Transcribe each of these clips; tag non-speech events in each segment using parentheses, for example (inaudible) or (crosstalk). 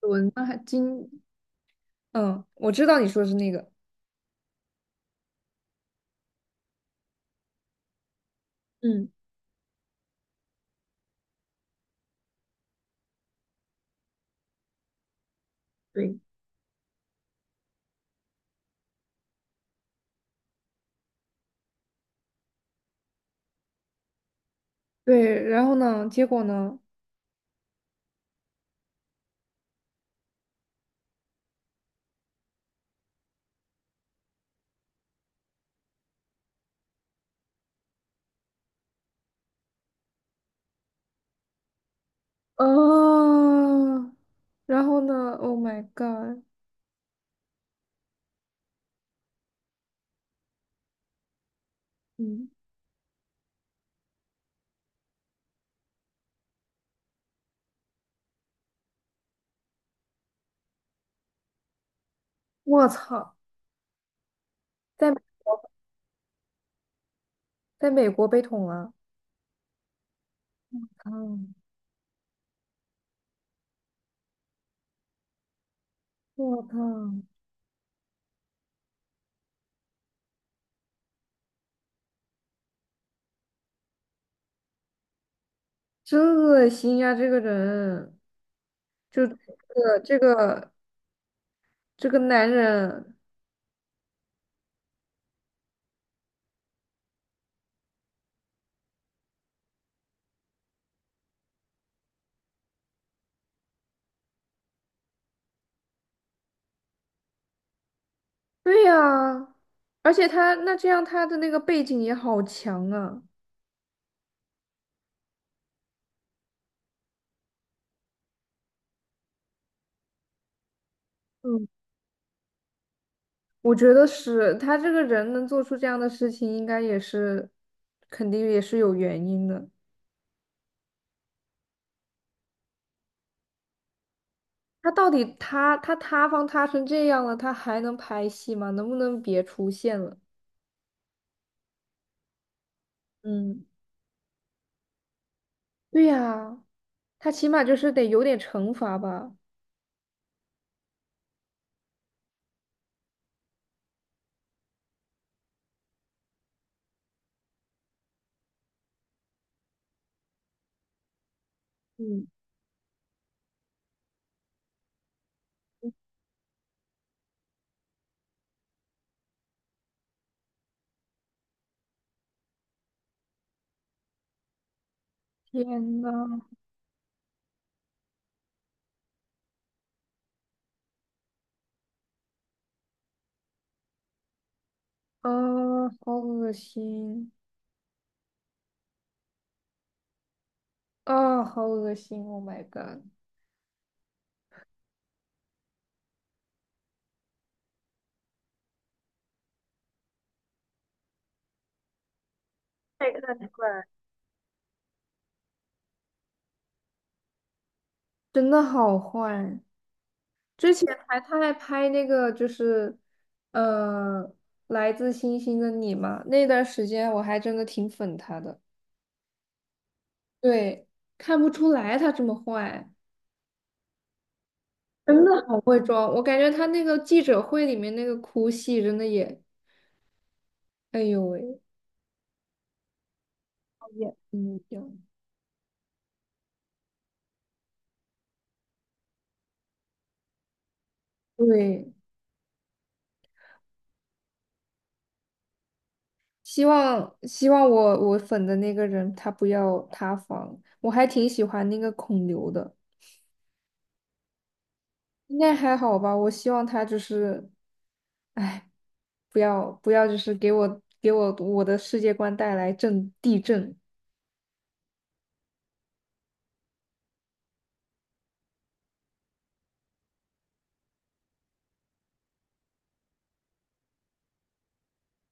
文那还金，我知道你说的是那个，嗯，对，对。然后呢，结果呢？哦，然后呢，Oh my God,嗯，我操。在美国，被捅了，啊，我操，真恶心呀、这个人。就这个这个这个男人，对呀。而且他那这样他的那个背景也好强啊。嗯，我觉得是他这个人能做出这样的事情，应该也是肯定也是有原因的。他到底他塌方塌成这样了，他还能拍戏吗？能不能别出现了？嗯，对呀，他起码就是得有点惩罚吧。嗯，天呐，啊，好恶心，啊，好恶心！Oh my god,太看了，真的好坏。之前他还拍那个就是，呃，来自星星的你嘛，那段时间我还真的挺粉他的，对，看不出来他这么坏。真的好会装，我感觉他那个记者会里面那个哭戏真的也，哎呦喂，也嗯，对。希望我粉的那个人他不要塌房，我还挺喜欢那个孔刘的，应该还好吧，我希望他就是，哎，不要，就是给我我的世界观带来震地震。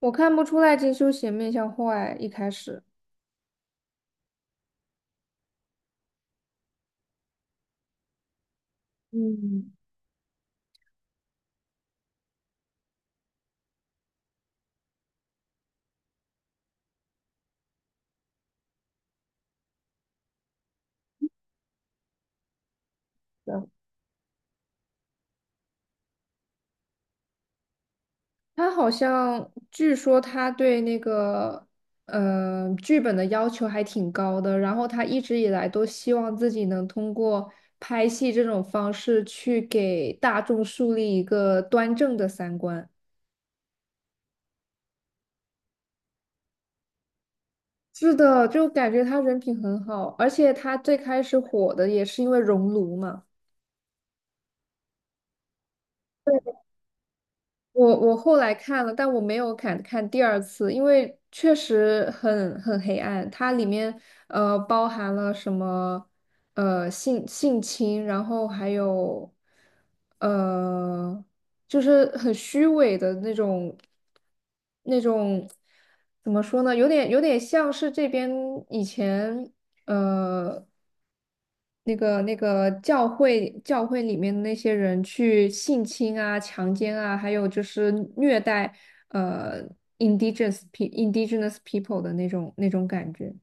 我看不出来金修贤面相坏，一开始。嗯，的。他好像据说他对那个剧本的要求还挺高的，然后他一直以来都希望自己能通过拍戏这种方式去给大众树立一个端正的三观。是的，就感觉他人品很好，而且他最开始火的也是因为《熔炉》嘛。我后来看了，但我没有敢看第二次，因为确实很黑暗。它里面包含了什么性侵，然后还有呃就是很虚伪的那种那种，怎么说呢？有点像是这边以前呃。那个那个教会里面的那些人去性侵啊、强奸啊，还有就是虐待呃 indigenous people 的那种那种感觉。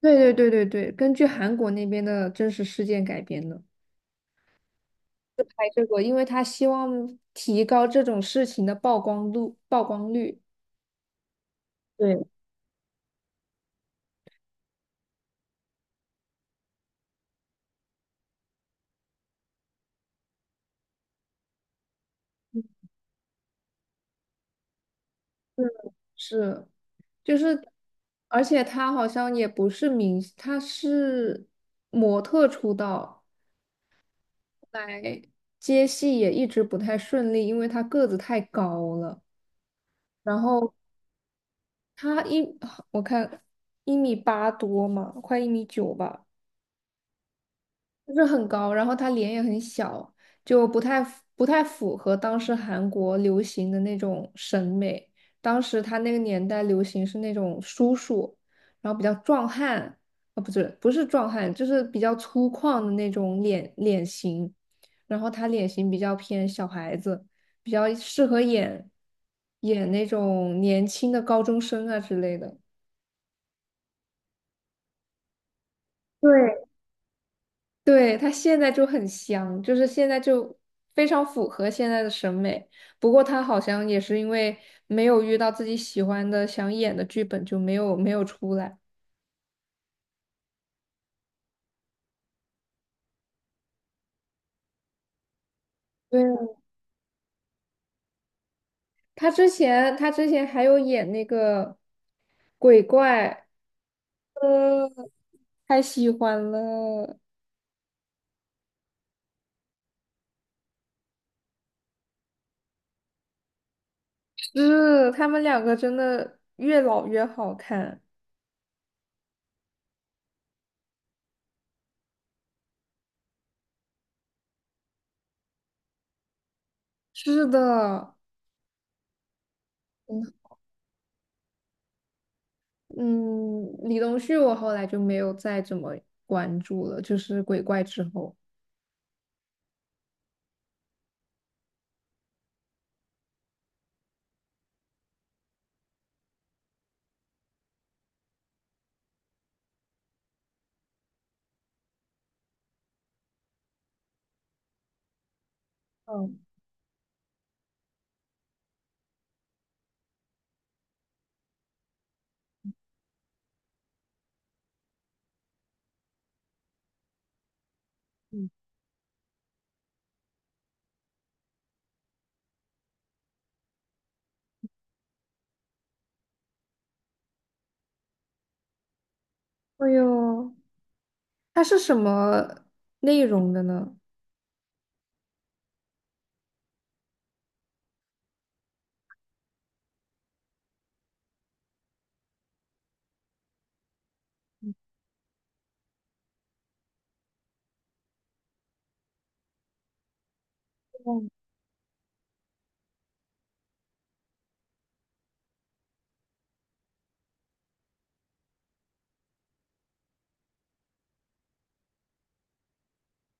对对对对对，根据韩国那边的真实事件改编的。拍这个，因为他希望提高这种事情的曝光度、曝光率。对，是是，就是，而且他好像也不是明星，他是模特出道。来接戏也一直不太顺利，因为他个子太高了。然后他一，我看一米八多嘛，快一米九吧。就是很高，然后他脸也很小，就不太符合当时韩国流行的那种审美。当时他那个年代流行是那种叔叔，然后比较壮汉，啊、不是壮汉，就是比较粗犷的那种脸型，然后他脸型比较偏小孩子，比较适合演那种年轻的高中生啊之类的。对，对，他现在就很香，就是现在就非常符合现在的审美。不过他好像也是因为没有遇到自己喜欢的、想演的剧本，就没有出来。对，他之前还有演那个鬼怪，嗯，太喜欢了。是，他们两个真的越老越好看。是的，嗯，嗯，李东旭我后来就没有再怎么关注了，就是鬼怪之后。嗯，嗯，哎呦，它是什么内容的呢？嗯，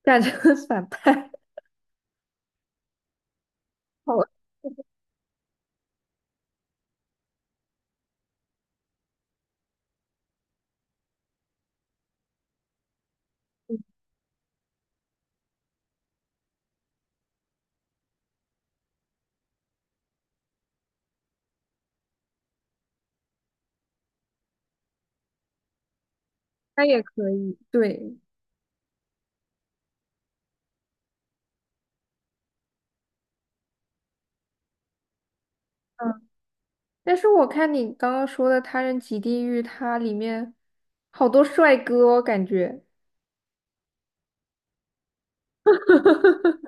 感觉很反派。好，那也可以。对，嗯，但是我看你刚刚说的《他人即地狱》，它里面好多帅哥哦感觉 (laughs)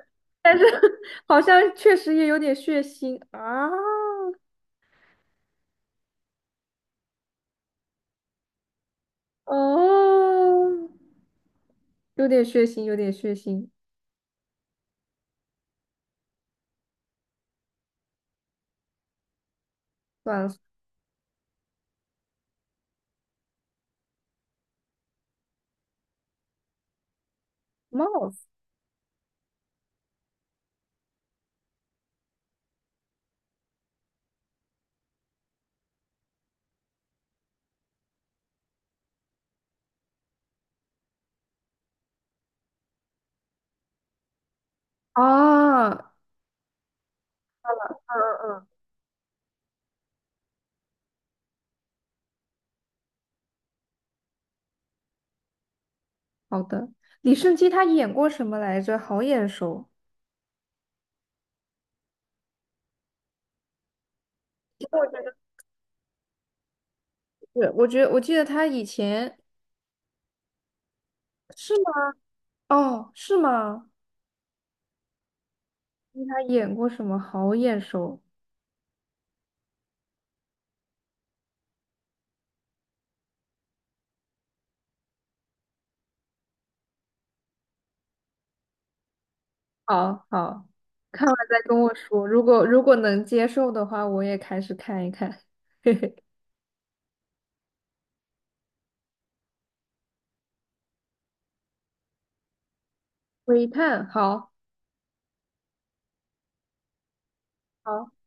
好像确实也有点血腥啊。哦，有点血腥，有点血腥，算了。帽子。啊，嗯嗯，嗯，好的。李胜基他演过什么来着？好眼熟。其实我觉得是，我觉得我记得他以前，是吗？哦，是吗？他演过什么？好眼熟。好好，看完再跟我说。如果能接受的话，我也开始看一看。(laughs) 嘿嘿，微探，好，好。